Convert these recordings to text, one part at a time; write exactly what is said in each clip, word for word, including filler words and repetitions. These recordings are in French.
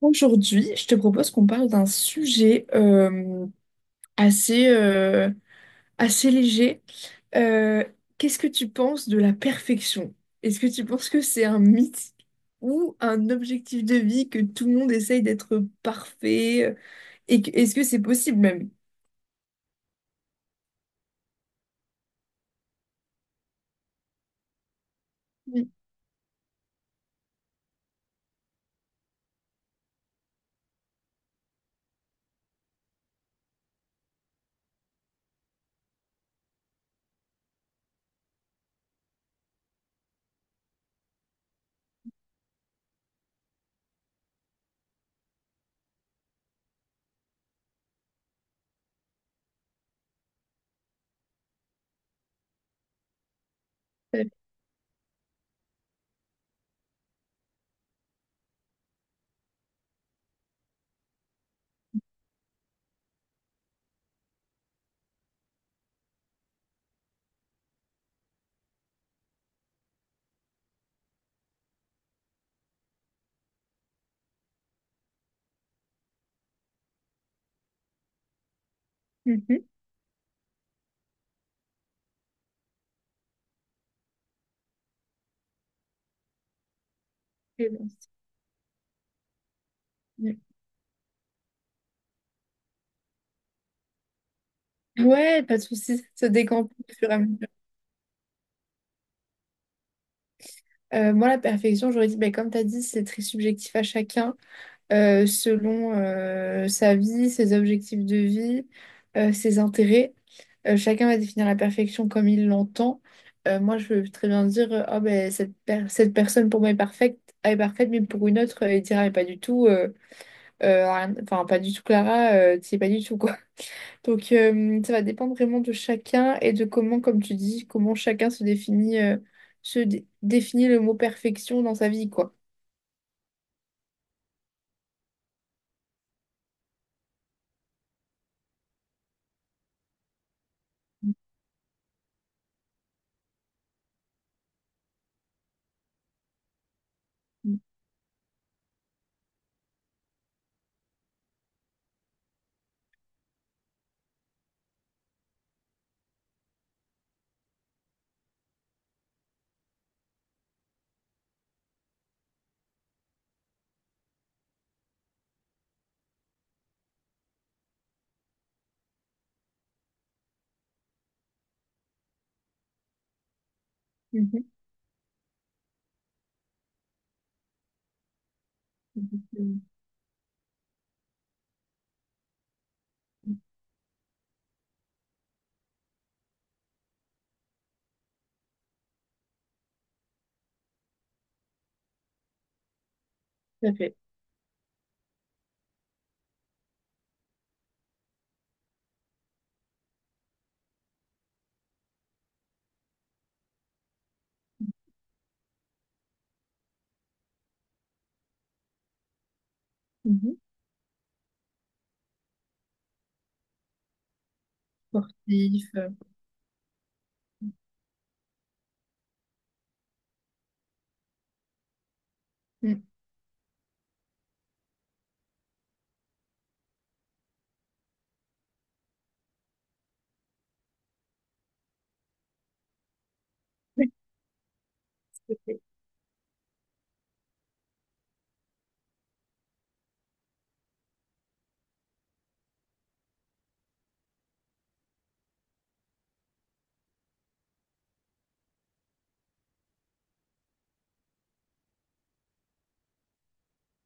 Aujourd'hui, je te propose qu'on parle d'un sujet euh, assez, euh, assez léger. Euh, Qu'est-ce que tu penses de la perfection? Est-ce que tu penses que c'est un mythe ou un objectif de vie que tout le monde essaye d'être parfait? Euh, Et que- est-ce que c'est possible même? Oui, tout à fait. Mhm. Et bon, c'est- ouais, pas de soucis, ça décampe au fur et à mesure. Euh, moi, la perfection, j'aurais dit, ben, comme tu as dit, c'est très subjectif à chacun. Euh, selon euh, sa vie, ses objectifs de vie, euh, ses intérêts. Euh, chacun va définir la perfection comme il l'entend. Euh, moi, je peux très bien dire, euh, ah, ben, cette, per- cette personne pour moi est parfaite, elle est parfaite, mais pour une autre, euh, elle dira, mais pas du tout, euh, euh, rien- enfin, pas du tout Clara, euh, c'est pas du tout, quoi. Donc, euh, ça va dépendre vraiment de chacun et de comment, comme tu dis, comment chacun se définit, euh, se dé- définit le mot perfection dans sa vie, quoi. Mhm. Mhm. Mhm. Tout à fait. Mhm. Sportif. Euh, mm. Oui, tout à fait.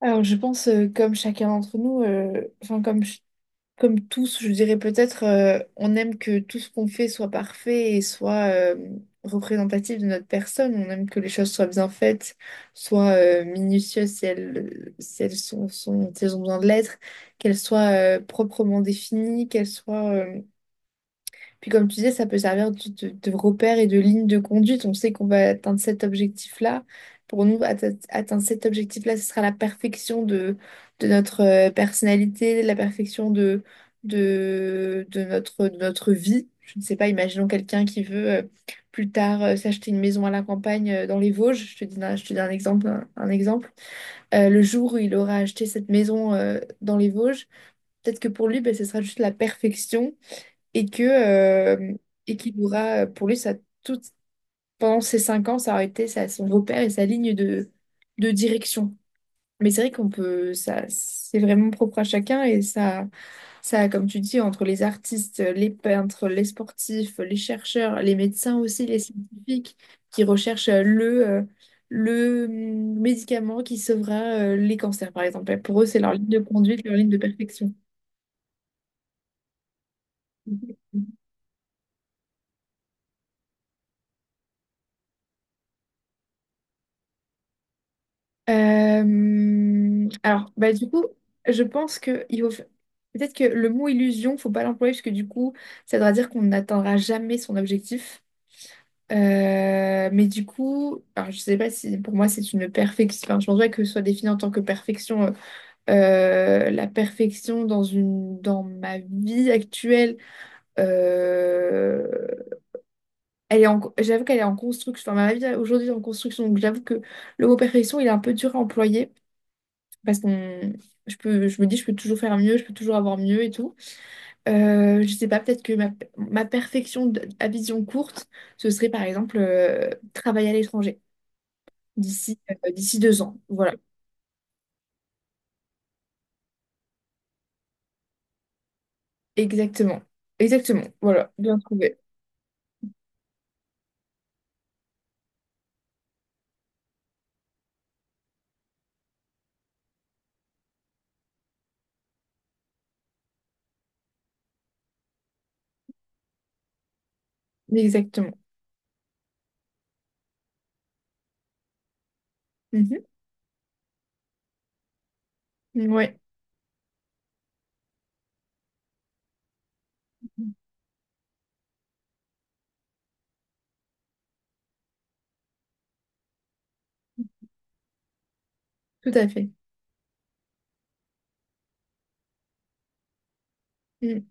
Alors, je pense, euh, comme chacun d'entre nous, euh, enfin, comme, ch- comme tous, je dirais peut-être, euh, on aime que tout ce qu'on fait soit parfait et soit euh, représentatif de notre personne. On aime que les choses soient bien faites, soient euh, minutieuses, si elles, si elles sont, sont- si elles ont besoin de l'être, qu'elles soient euh, proprement définies, qu'elles soient. euh, Puis comme tu disais, ça peut servir de, de, de repère et de ligne de conduite. On sait qu'on va atteindre cet objectif-là. Pour nous, atte- atteindre cet objectif-là, ce sera la perfection de, de notre euh, personnalité, la perfection de, de, de notre, de notre vie. Je ne sais pas, imaginons quelqu'un qui veut euh, plus tard euh, s'acheter une maison à la campagne euh, dans les Vosges. Je te dis, un- je te dis un exemple, un, un exemple. Euh, le jour où il aura acheté cette maison euh, dans les Vosges, peut-être que pour lui, ben, ce sera juste la perfection. Et que euh, et qu'il aura euh, Pour lui, ça, tout pendant ces cinq ans, ça aurait été ça, son repère et sa ligne de de direction. Mais c'est vrai qu'on peut, ça, c'est vraiment propre à chacun. Et ça ça, comme tu dis, entre les artistes, les peintres, les sportifs, les chercheurs, les médecins aussi, les scientifiques qui recherchent euh, le euh, le hum, médicament qui sauvera euh, les cancers, par exemple. Pour eux, c'est leur ligne de conduite, leur ligne de perfection. Euh, alors, bah, du coup, je pense que il faut... fa- peut-être que le mot illusion, faut pas l'employer, parce que du coup, ça voudra dire qu'on n'atteindra jamais son objectif. Euh, mais du coup, alors, je sais pas si pour moi c'est une perfection. Enfin, je pense pas que ce soit défini en tant que perfection. Euh, euh, la perfection dans une dans ma vie actuelle, euh, elle est en... j'avoue qu'elle est en construction. Enfin, ma vie aujourd'hui est en construction. Donc, j'avoue que le mot perfection, il est un peu dur à employer. Parce qu'on je peux Je me dis, je peux toujours faire mieux, je peux toujours avoir mieux, et tout. Euh, je sais pas, peut-être que ma, ma perfection de- à vision courte, ce serait par exemple euh, travailler à l'étranger, d'ici euh, d'ici deux ans, voilà. Exactement, exactement, voilà, bien trouvé. Exactement. Mhm. Ouais, tout à fait. Mm.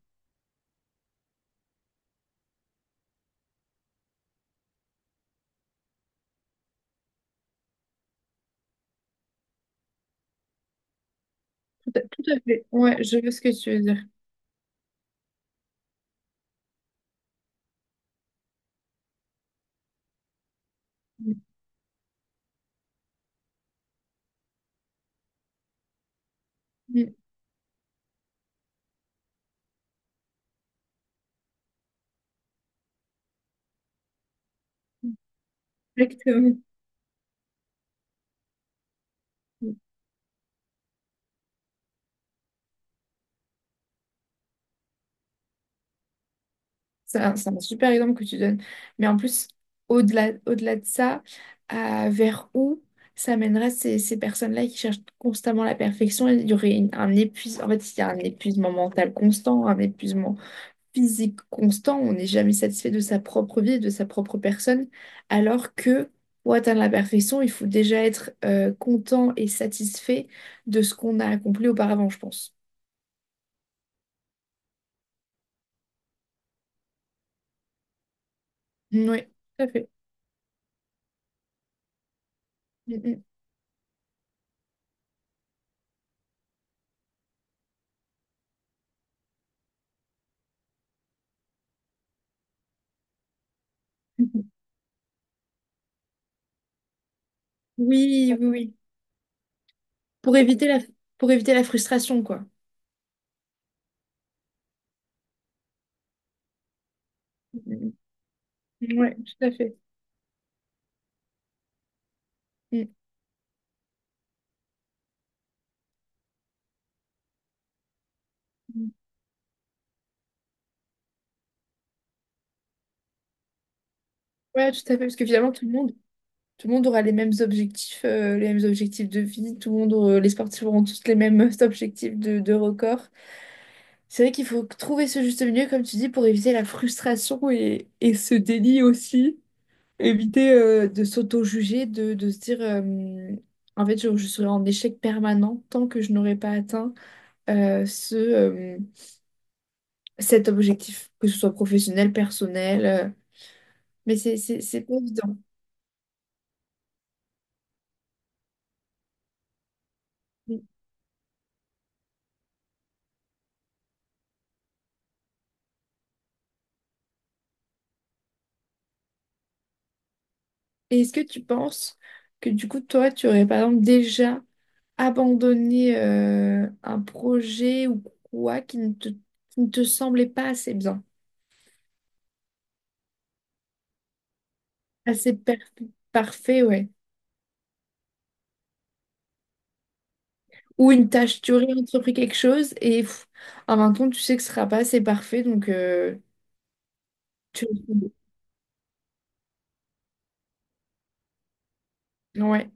tout à, Tout à fait, ouais, je veux ce que tu veux dire. Mm. mm, Exactement. C'est un, c'est un super exemple que tu donnes. Mais en plus, au-delà, au-delà de ça, euh, vers où ça mènera ces, ces personnes-là qui cherchent constamment la perfection? Il y aurait une- un épuisement. En fait, il y a un épuisement mental constant, un épuisement physique constant. On n'est jamais satisfait de sa propre vie, de sa propre personne. Alors que, pour atteindre la perfection, il faut déjà être euh, content et satisfait de ce qu'on a accompli auparavant, je pense. Oui, tout à fait. Mm. Mm. Oui, oui, oui. Pour éviter la, pour éviter la frustration, quoi. Mm. Ouais, tout à fait. Mm. Mm. Ouais, tout à fait. Parce que finalement, tout le monde, tout le monde aura les mêmes objectifs, euh, les mêmes objectifs de vie. Tout le monde, aura- Les sportifs auront tous les mêmes objectifs de, de record. C'est vrai qu'il faut trouver ce juste milieu, comme tu dis, pour éviter la frustration et, et ce déni aussi. Éviter euh, de s'auto-juger, de, de se dire, euh, en fait, je, je serai en échec permanent tant que je n'aurai pas atteint euh, ce, cet objectif, que ce soit professionnel, personnel, euh, mais c'est, c'est, c'est pas évident. Et est-ce que tu penses que, du coup, toi, tu aurais par exemple déjà abandonné euh, un projet ou quoi qui ne te, qui ne te, semblait pas assez bien, assez per- parfait, ouais. Ou une tâche, tu aurais entrepris quelque chose et pff, en même temps, tu sais que ce sera pas assez parfait, donc euh, tu... laisses tomber. Ouais.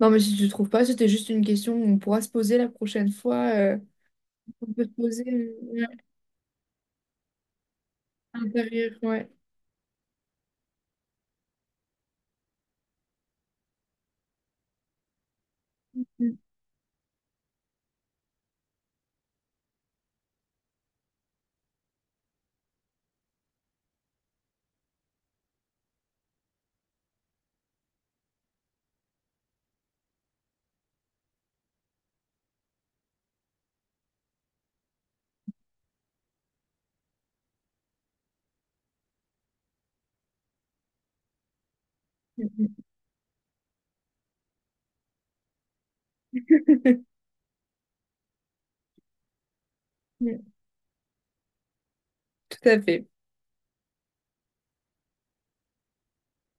Non, mais si tu ne trouves pas, c'était juste une question qu'on pourra se poser la prochaine fois. Euh, on peut se poser. Intérieur, ouais. Mm. Mm. Mm. Tout à fait.